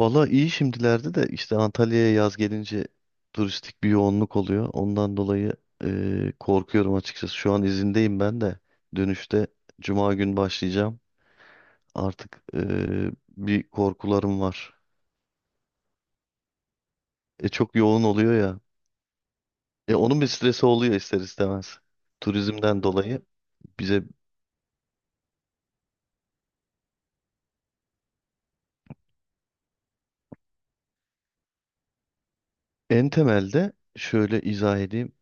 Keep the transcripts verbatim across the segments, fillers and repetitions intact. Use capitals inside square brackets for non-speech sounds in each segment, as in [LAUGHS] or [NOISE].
Valla iyi şimdilerde de işte Antalya'ya yaz gelince turistik bir yoğunluk oluyor. Ondan dolayı eee, korkuyorum açıkçası. Şu an izindeyim ben de. Dönüşte Cuma gün başlayacağım. Artık eee, bir korkularım var. E, çok yoğun oluyor ya. E, onun bir stresi oluyor ister istemez. Turizmden dolayı bize en temelde şöyle izah edeyim.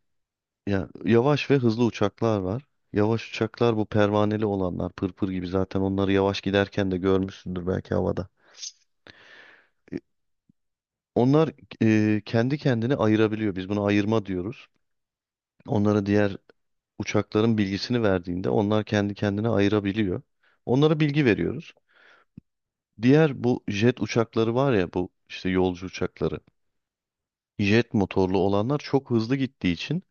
Ya yavaş ve hızlı uçaklar var. Yavaş uçaklar bu pervaneli olanlar, pırpır gibi zaten onları yavaş giderken de görmüşsündür belki havada. Onlar e, kendi kendini ayırabiliyor. Biz buna ayırma diyoruz. Onlara diğer uçakların bilgisini verdiğinde onlar kendi kendine ayırabiliyor. Onlara bilgi veriyoruz. Diğer bu jet uçakları var ya, bu işte yolcu uçakları. Jet motorlu olanlar çok hızlı gittiği için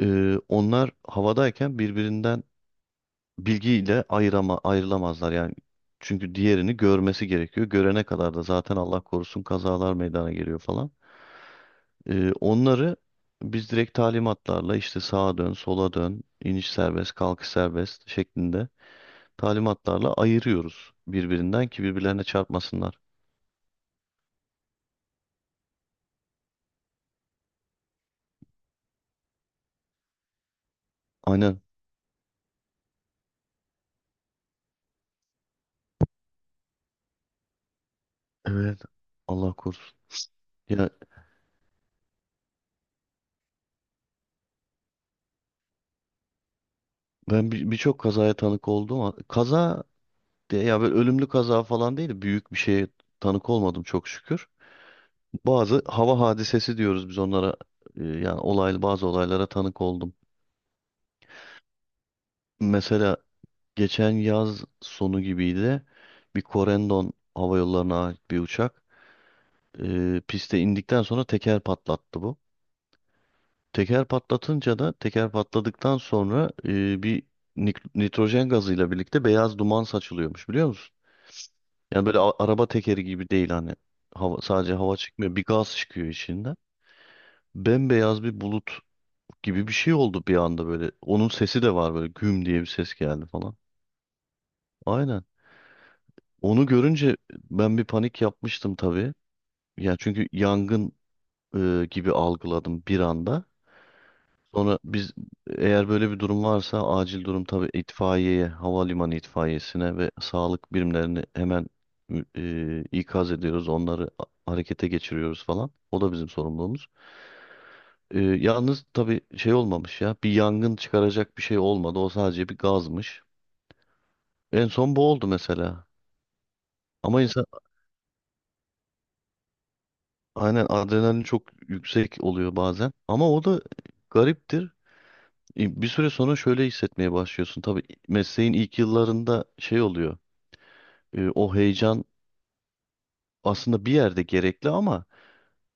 e, onlar havadayken birbirinden bilgiyle ayırama, ayrılamazlar yani. Çünkü diğerini görmesi gerekiyor. Görene kadar da zaten Allah korusun kazalar meydana geliyor falan. Ee, onları biz direkt talimatlarla işte sağa dön, sola dön, iniş serbest, kalkış serbest şeklinde talimatlarla ayırıyoruz birbirinden ki birbirlerine çarpmasınlar. Aynen. Evet. Allah korusun. Ya ben bir- birçok kazaya tanık oldum. ama- Kaza diye ya böyle ölümlü kaza falan değil de büyük bir şeye tanık olmadım çok şükür. Bazı hava hadisesi diyoruz biz onlara. Ee, Yani olaylı bazı olaylara tanık oldum. Mesela geçen yaz sonu gibiydi. Bir Corendon Hava Yolları'na ait bir uçak. Ee, piste indikten sonra teker patlattı bu. Teker patlatınca da teker patladıktan sonra e, bir nik- nitrojen gazıyla birlikte beyaz duman saçılıyormuş biliyor musun? Yani böyle a- araba tekeri gibi değil hani hava, sadece hava çıkmıyor, bir gaz çıkıyor içinden. Bembeyaz bir bulut gibi bir şey oldu bir anda böyle. Onun sesi de var, böyle güm diye bir ses geldi falan. Aynen. Onu görünce ben bir panik yapmıştım tabii. Ya çünkü yangın e, gibi algıladım bir anda. Sonra biz eğer böyle bir durum varsa acil durum tabii itfaiyeye, havalimanı itfaiyesine ve sağlık birimlerini hemen e, ikaz ediyoruz. Onları a- harekete geçiriyoruz falan. O da bizim sorumluluğumuz. E, yalnız tabii şey olmamış ya, bir yangın çıkaracak bir şey olmadı. O sadece bir gazmış. En son bu oldu mesela. Ama insan aynen adrenalin çok yüksek oluyor bazen. Ama o da gariptir. Bir süre sonra şöyle hissetmeye başlıyorsun. Tabii mesleğin ilk yıllarında şey oluyor. e, O heyecan aslında bir yerde gerekli, ama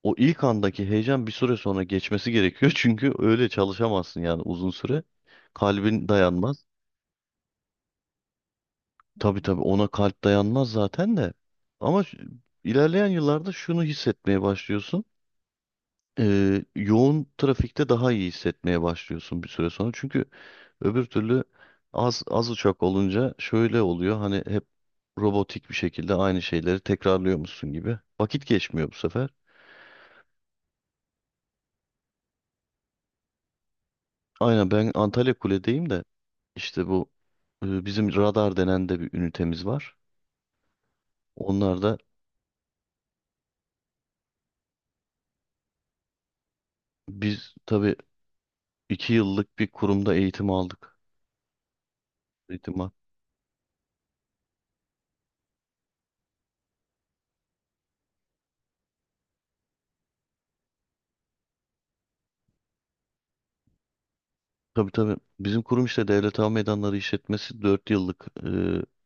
o ilk andaki heyecan bir süre sonra geçmesi gerekiyor. [LAUGHS] Çünkü öyle çalışamazsın yani uzun süre. Kalbin dayanmaz. Tabii tabii, ona kalp dayanmaz zaten de. Ama şu- ilerleyen yıllarda şunu hissetmeye başlıyorsun. E, yoğun trafikte daha iyi hissetmeye başlıyorsun bir süre sonra. Çünkü öbür türlü az az uçak olunca şöyle oluyor. Hani hep robotik bir şekilde aynı şeyleri tekrarlıyormuşsun gibi. Vakit geçmiyor bu sefer. Aynen, ben Antalya Kule'deyim de işte bu e, bizim radar denen de bir ünitemiz var. Onlar da biz tabii iki yıllık bir kurumda eğitim aldık. Eğitim. Tabii tabii. Bizim kurum işte Devlet Hava Meydanları İşletmesi dört yıllık e,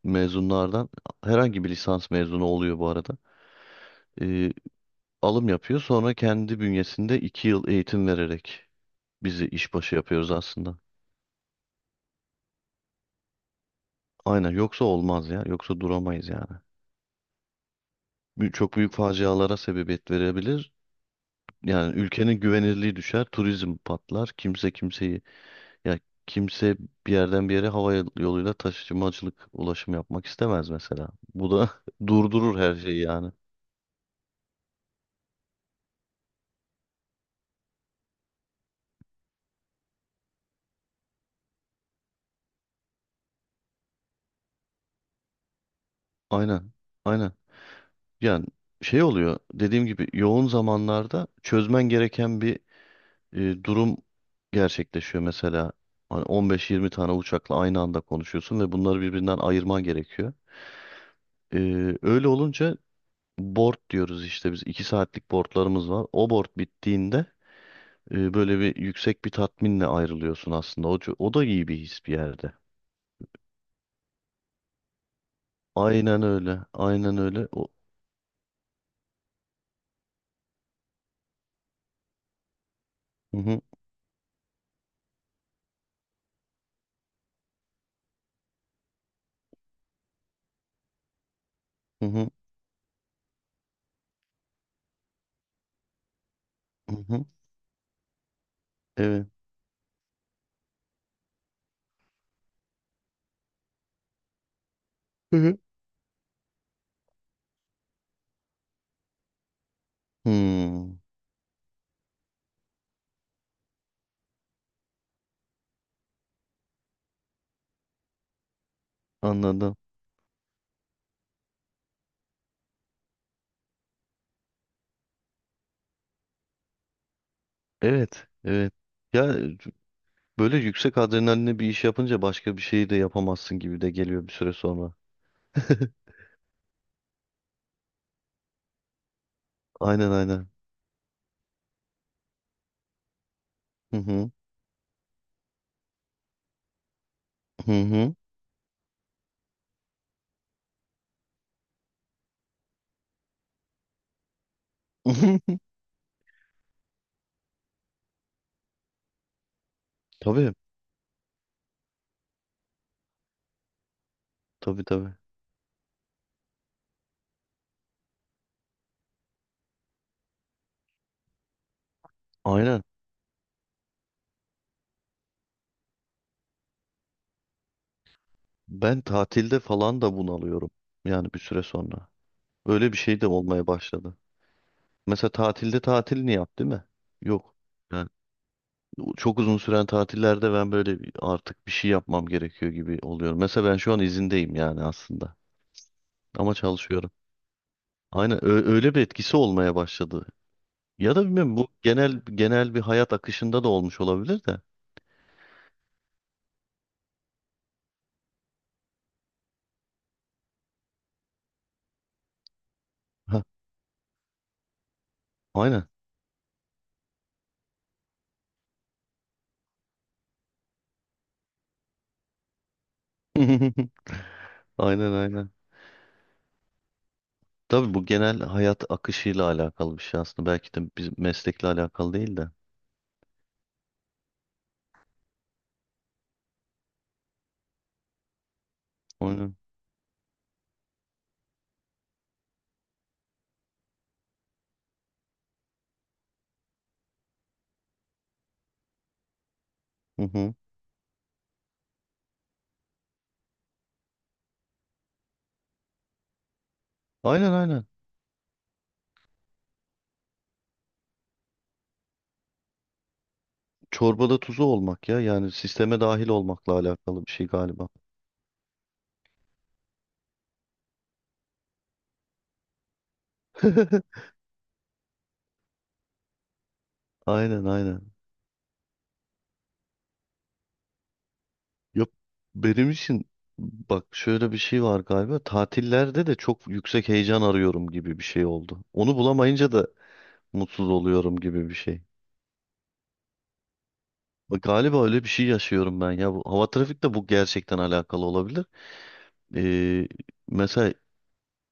mezunlardan, herhangi bir lisans mezunu oluyor bu arada. E, Alım yapıyor, sonra kendi bünyesinde iki yıl eğitim vererek bizi işbaşı yapıyoruz aslında. Aynen, yoksa olmaz ya, yoksa duramayız yani. Bü- Çok büyük facialara sebebiyet verebilir. Yani ülkenin güvenirliği düşer, turizm patlar, kimse kimseyi. Ya kimse bir yerden bir yere hava yoluyla taşımacılık ulaşım yapmak istemez mesela. Bu da [LAUGHS] durdurur her şeyi yani. Aynen. Aynen. Yani şey oluyor, dediğim gibi yoğun zamanlarda çözmen gereken bir e, durum gerçekleşiyor mesela. Hani on beş yirmi tane uçakla aynı anda konuşuyorsun ve bunları birbirinden ayırman gerekiyor. E, öyle olunca board diyoruz işte, biz iki saatlik boardlarımız var. O board bittiğinde e, böyle bir yüksek bir tatminle ayrılıyorsun aslında. O, ço- o da iyi bir his bir yerde. Aynen öyle. Aynen öyle. O, hı hı, hı hı, hı hı. Evet. Hı hı. Hmm, anladım. Evet. Evet. Ya e, böyle yüksek adrenalinle bir iş yapınca başka bir şeyi de yapamazsın gibi de geliyor bir süre sonra. [LAUGHS] Aynen aynen. Hı hı. Hı hı. [LAUGHS] Tabii. Tabii tabii. Aynen. Ben tatilde falan da bunalıyorum. Yani bir süre sonra. Öyle bir şey de olmaya başladı. Mesela tatilde tatilini yap, değil mi? Yok. Yani çok uzun süren tatillerde ben böyle bir- artık bir şey yapmam gerekiyor gibi oluyorum. Mesela ben şu an izindeyim yani aslında. Ama çalışıyorum. Aynen ö- öyle bir etkisi olmaya başladı. Ya da bilmiyorum, bu genel genel bir hayat akışında da olmuş olabilir de. Ha, aynen. [LAUGHS] Aynen aynen. Tabii bu genel hayat akışıyla alakalı bir şey aslında. Belki de bizim meslekle alakalı değil de. Aynen. Hı hı. Aynen aynen. Çorbada tuzu olmak ya. Yani sisteme dahil olmakla alakalı bir şey galiba. [LAUGHS] Aynen aynen. Yok, benim için bak şöyle bir şey var galiba. Tatillerde de çok yüksek heyecan arıyorum gibi bir şey oldu. Onu bulamayınca da mutsuz oluyorum gibi bir şey. Bak, galiba öyle bir şey yaşıyorum ben ya. Bu, hava trafikte bu gerçekten alakalı olabilir. Ee, Mesela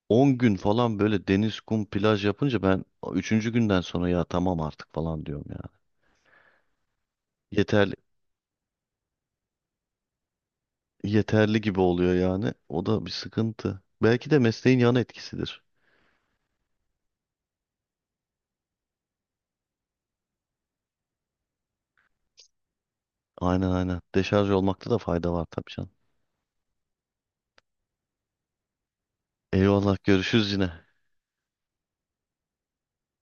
on gün falan böyle deniz, kum, plaj yapınca ben üçüncü günden sonra ya tamam artık falan diyorum ya. Yeter Yeterli gibi oluyor yani. O da bir sıkıntı. Belki de mesleğin yan etkisidir. Aynen aynen. Deşarj olmakta da fayda var tabii canım. Eyvallah, görüşürüz yine.